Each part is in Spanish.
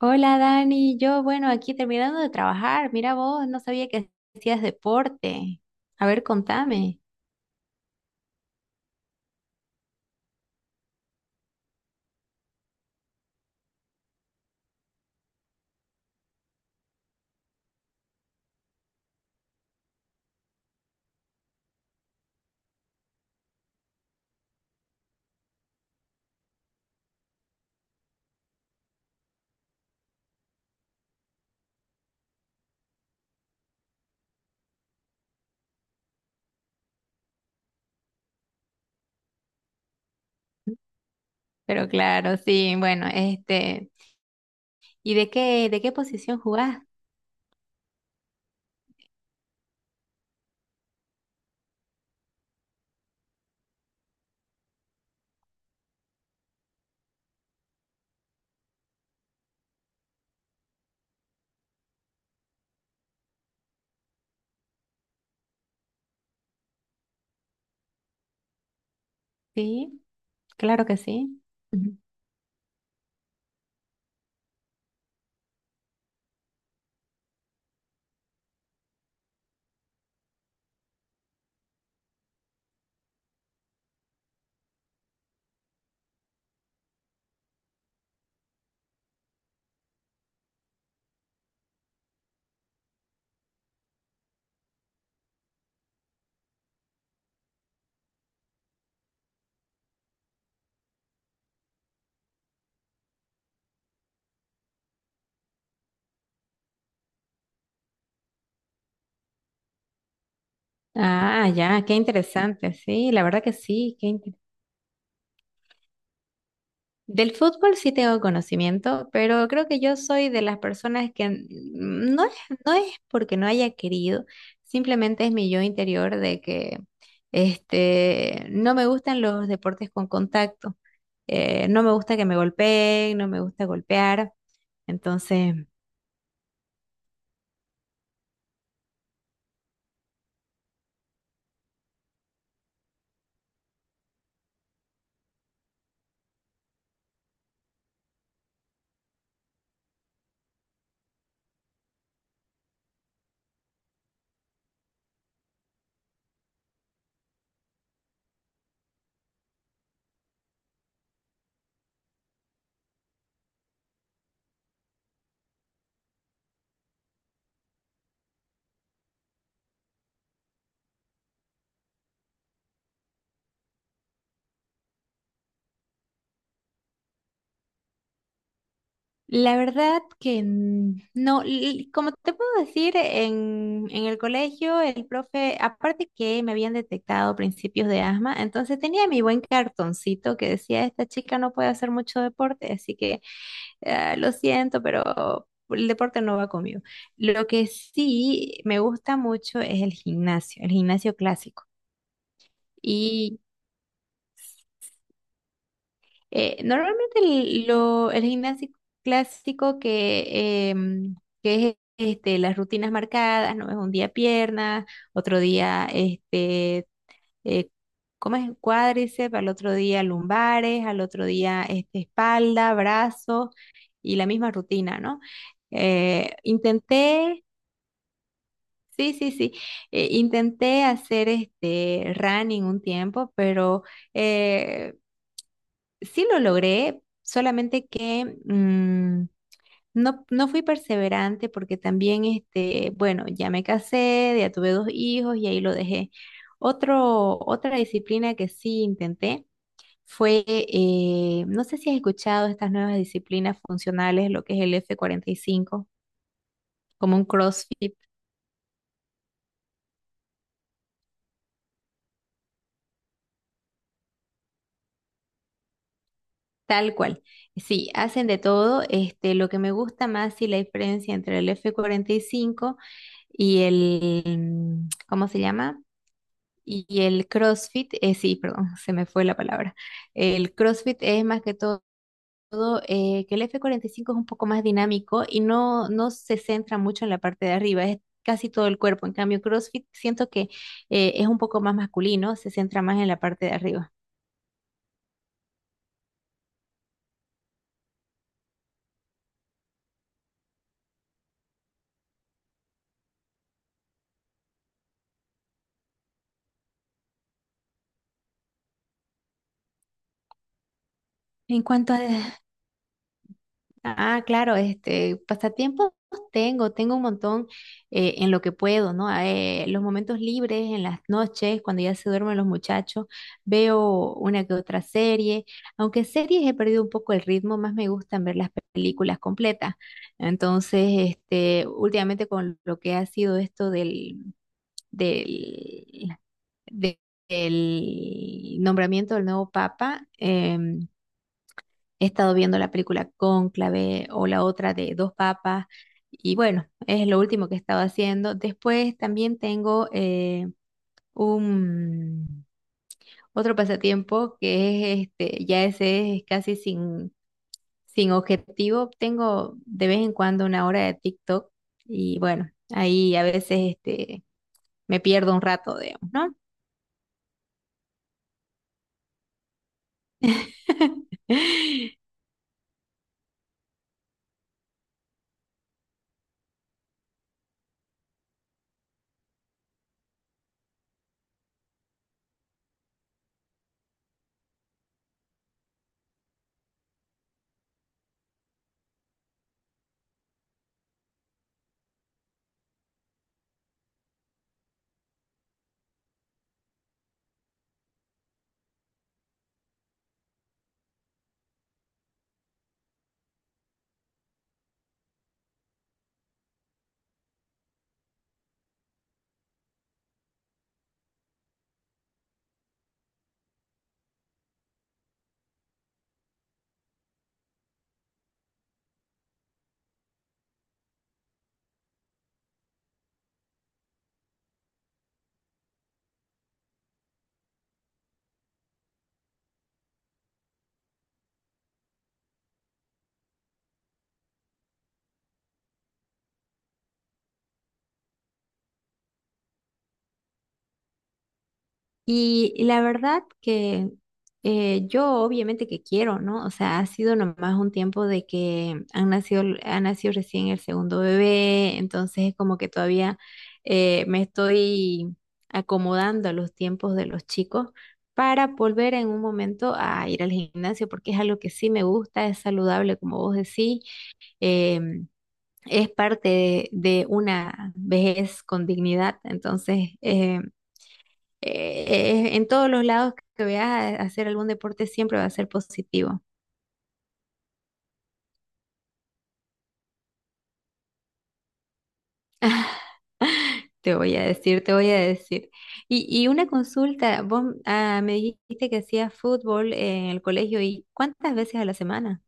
Hola Dani, yo bueno, aquí terminando de trabajar, mira vos, no sabía que hacías deporte. A ver, contame. Pero claro, sí, bueno, ¿y de qué posición jugás? Sí, claro que sí. Ujú. Ah, ya, qué interesante, sí, la verdad que sí, qué Del fútbol sí tengo conocimiento, pero creo que yo soy de las personas que no es, no es porque no haya querido, simplemente es mi yo interior de que no me gustan los deportes con contacto. No me gusta que me golpeen, no me gusta golpear, entonces. La verdad que no, como te puedo decir, en el colegio el profe, aparte que me habían detectado principios de asma, entonces tenía mi buen cartoncito que decía, esta chica no puede hacer mucho deporte, así que ah, lo siento, pero el deporte no va conmigo. Lo que sí me gusta mucho es el gimnasio clásico. Normalmente el gimnasio clásico que es las rutinas marcadas, ¿no? Es un día piernas, otro día eh, ¿cómo es? Cuádriceps, al otro día lumbares, al otro día espalda, brazos y la misma rutina, ¿no? Eh, intenté, sí, sí, sí, intenté hacer este running un tiempo, pero. eh, Sí lo logré, solamente que no fui perseverante porque también, bueno, ya me casé, ya tuve dos hijos y ahí lo dejé. Otra disciplina que sí intenté fue, no sé si has escuchado estas nuevas disciplinas funcionales, lo que es el F45 como un CrossFit, tal cual. Sí, hacen de todo. Lo que me gusta más y la diferencia entre el F45 y cinco y el, ¿cómo se llama? Y el CrossFit, sí, perdón, se me fue la palabra. El CrossFit es más que todo, que el F45 es un poco más dinámico y no se centra mucho en la parte de arriba, es casi todo el cuerpo. En cambio, CrossFit siento que es un poco más masculino, se centra más en la parte de arriba. En cuanto a Ah, claro, pasatiempos tengo un montón, en lo que puedo, ¿no? Los momentos libres, en las noches, cuando ya se duermen los muchachos, veo una que otra serie, aunque series he perdido un poco el ritmo, más me gustan ver las películas completas. Entonces, últimamente con lo que ha sido esto del, de- del nombramiento del nuevo papa, he estado viendo la película Cónclave o la otra de Dos Papas y bueno, es lo último que he estado haciendo. Después también tengo, un otro pasatiempo que es ya ese es casi sin objetivo. Tengo de vez en cuando una hora de TikTok y bueno, ahí a veces me pierdo un rato, digamos, ¿no? Y la verdad que, yo obviamente que quiero, ¿no? O sea, ha sido nomás un tiempo de que ha nacido recién el segundo bebé, entonces es como que todavía, me estoy acomodando a los tiempos de los chicos para volver en un momento a ir al gimnasio, porque es algo que sí me gusta, es saludable, como vos decís, em, es parte de una vejez con dignidad, entonces en todos los lados que veas a hacer algún deporte siempre va a ser positivo. Te voy a decir, te voy a decir. Y una consulta, vos me dijiste que hacías fútbol en el colegio y ¿cuántas veces a la semana?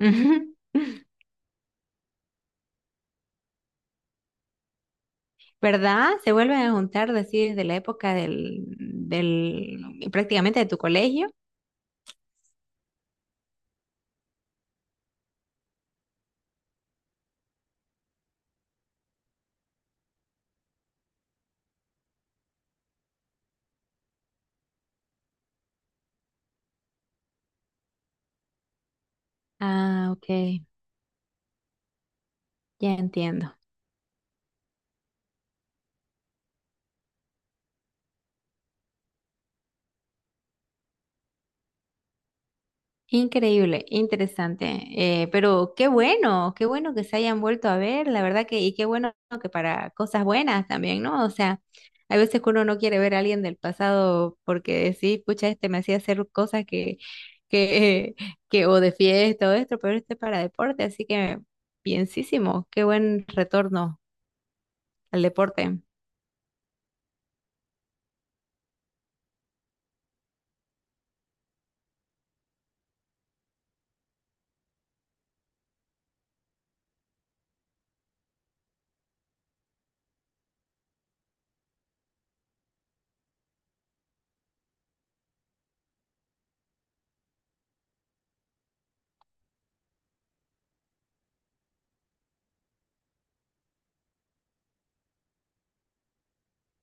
Ujú. ¿Verdad? Se vuelven a juntar, decir, de la época prácticamente de tu colegio. Ah, ok, ya entiendo. Increíble, interesante. Pero qué bueno que se hayan vuelto a ver, la verdad que, y qué bueno que para cosas buenas también, ¿no? O sea, hay veces que uno no quiere ver a alguien del pasado porque sí, pucha, este me hacía hacer cosas que, que, o de fiesta o esto, pero para deporte, así que bienísimo, qué buen retorno al deporte.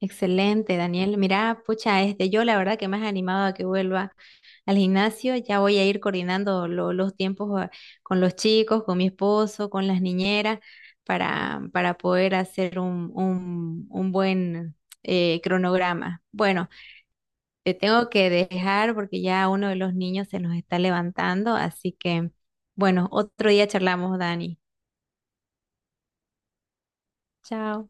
Excelente, Daniel. Mira, pucha, yo la verdad que me has animado a que vuelva al gimnasio. Ya voy a ir coordinando los tiempos, con los chicos, con mi esposo, con las niñeras, para poder hacer un buen, cronograma. Bueno, te tengo que dejar porque ya uno de los niños se nos está levantando, así que, bueno, otro día charlamos, Dani. Chao.